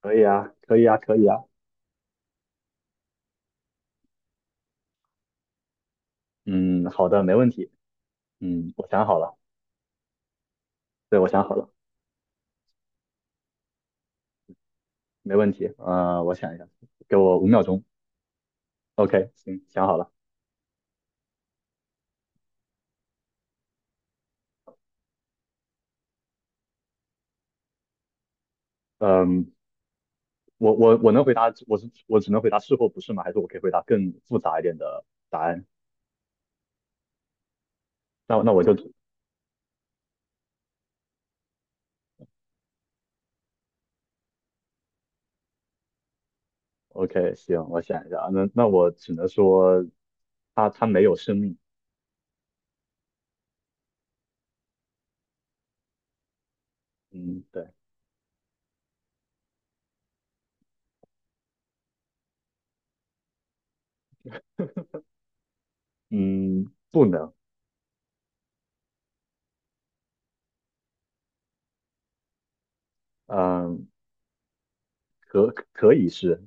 可以啊，可以啊，可以啊。嗯，好的，没问题。嗯，我想好了，对，我想好了，没问题。我想一下，给我5秒钟。OK，行，想好了。嗯，我能回答，我只能回答是或不是吗？还是我可以回答更复杂一点的答案？那那我就 OK，行，我想一下。那我只能说，它没有生命。嗯，对，嗯，不能，嗯，可可以是，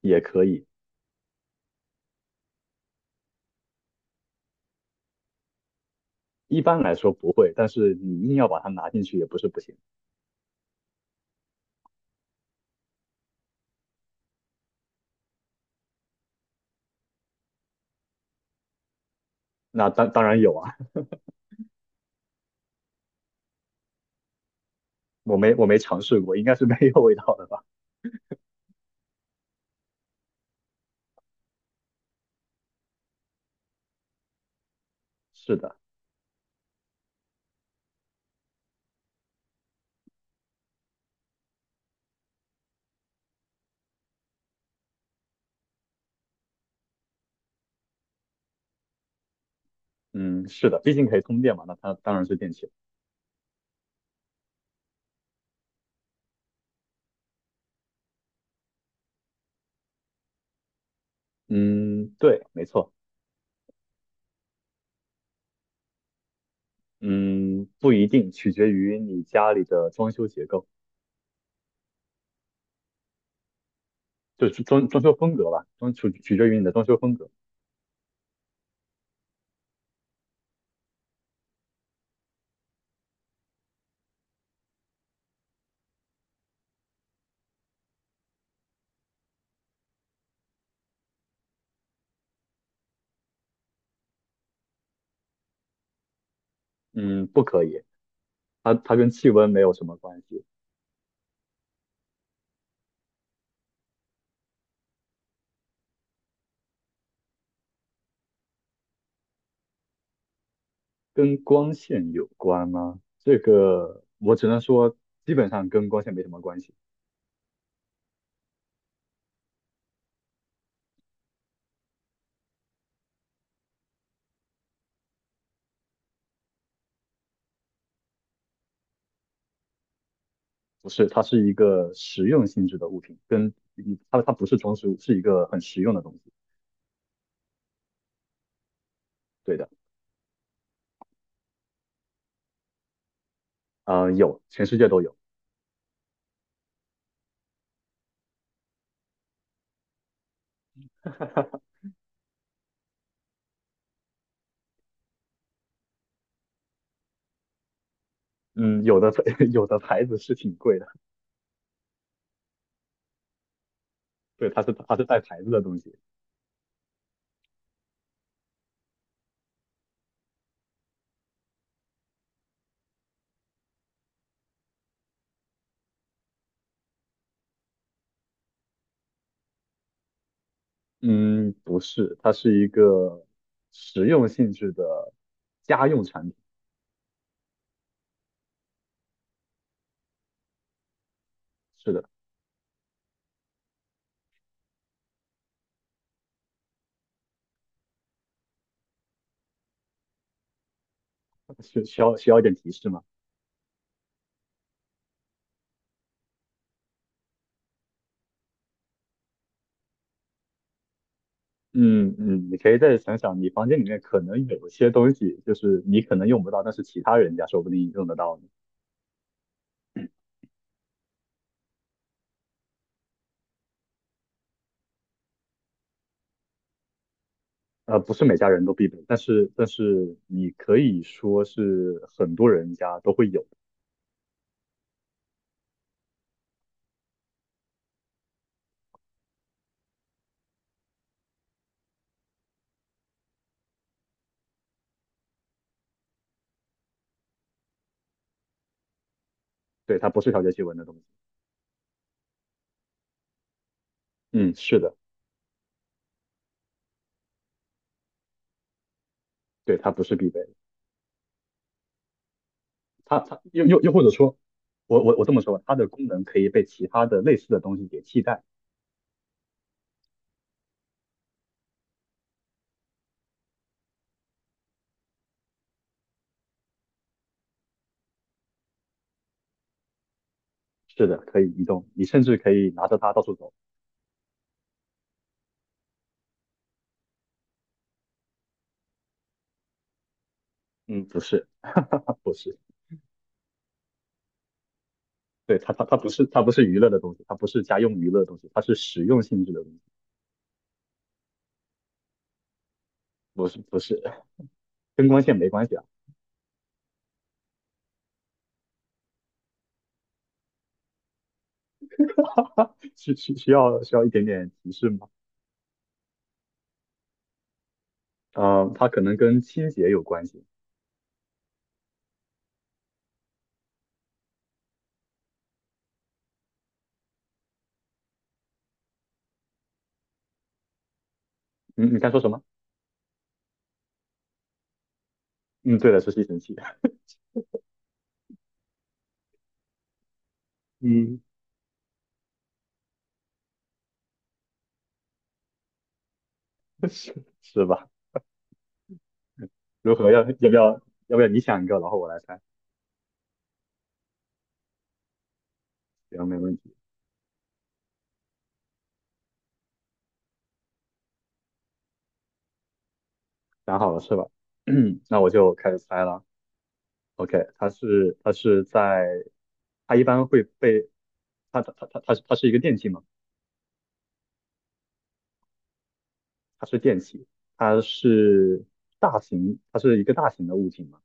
也可以。一般来说不会，但是你硬要把它拿进去也不是不行。那当然有啊，我没尝试过，应该是没有味道的吧？是的，嗯，是的，毕竟可以通电嘛，那它当然是电器。嗯，对，没错，嗯，不一定，取决于你家里的装修结构，就是装修风格吧，取决于你的装修风格。嗯，不可以，它跟气温没有什么关系，跟光线有关吗？这个我只能说，基本上跟光线没什么关系。不是，它是一个实用性质的物品，它不是装饰物，是一个很实用的东西。对的，啊，有，全世界都有。嗯，有的 有的牌子是挺贵的，对，它是带牌子的东西。嗯，不是，它是一个实用性质的家用产品。是的，需要一点提示吗？嗯嗯，你可以再想想，你房间里面可能有一些东西，就是你可能用不到，但是其他人家说不定用得到呢。不是每家人都必备，但是你可以说是很多人家都会有的。对，它不是调节气温的东西。嗯，是的，对，它不是必备的。它又或者说，我这么说吧，它的功能可以被其他的类似的东西给替代。是的，可以移动，你甚至可以拿着它到处走。嗯，不是，它不是，对，它不是娱乐的东西，它不是家用娱乐的东西，它是实用性质的东西。不是不是，跟光线没关系啊。需要一点点提示吗？嗯、它可能跟清洁有关系。嗯，你刚说什么？嗯，对的，是吸尘器。嗯，是是吧？如何要要不要要不要你想一个，然后我来猜？行，没问题。想好了是吧？那我就开始猜了。OK，它是它是在它一般会被它是一个电器嘛？它是电器，它是它是一个大型的物体嘛？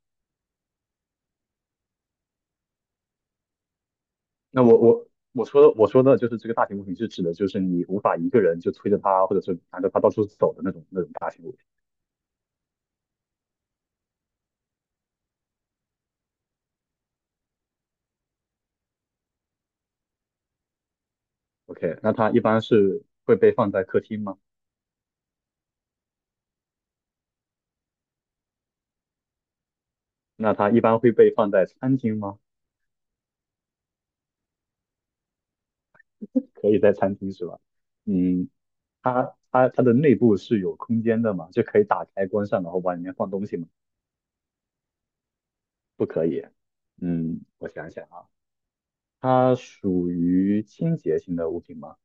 那我说的就是这个大型物品是指的就是你无法一个人就推着它或者是拿着它到处走的那种大型物品。OK，那它一般是会被放在客厅吗？那它一般会被放在餐厅吗？可以在餐厅是吧？嗯，它的内部是有空间的嘛？就可以打开关上，然后往里面放东西吗？不可以。嗯，我想想啊，它属于清洁型的物品吗？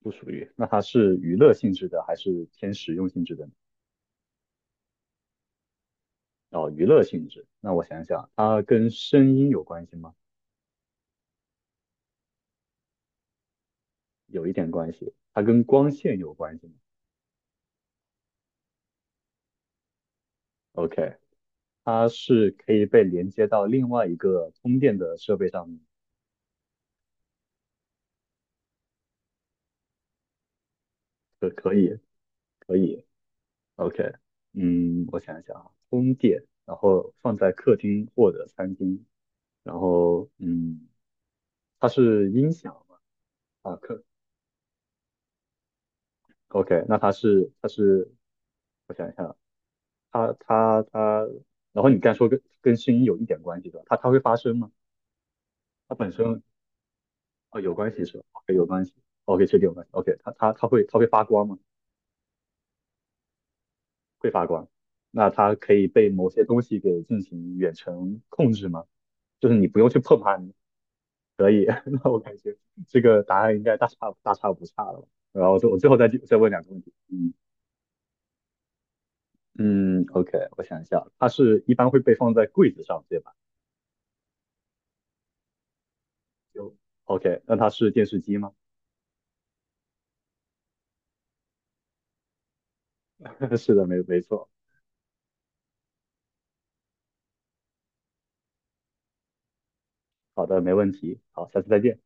不属于。那它是娱乐性质的还是偏实用性质的呢？哦，娱乐性质。那我想想，它跟声音有关系吗？有一点关系。它跟光线有关系吗？OK，它是可以被连接到另外一个充电的设备上面，可可可以。OK，嗯，我想想啊，充电，然后放在客厅或者餐厅，然后嗯，它是音响吗？啊，OK，那它是它是，我想一下啊，它它它，然后你刚才说跟声音有一点关系的，它会发声吗？它本身哦，有关系是吧？OK，有关系，OK，确定有关系，OK，它会发光吗？会发光，那它可以被某些东西给进行远程控制吗？就是你不用去碰它，你可以。那我感觉这个答案应该大差不差了吧。然后我我最后再问2个问题，嗯嗯，OK，我想一下，它是一般会被放在柜子上，对吧？就 OK，那它是电视机吗？是的，没错。好的，没问题。好，下次再见。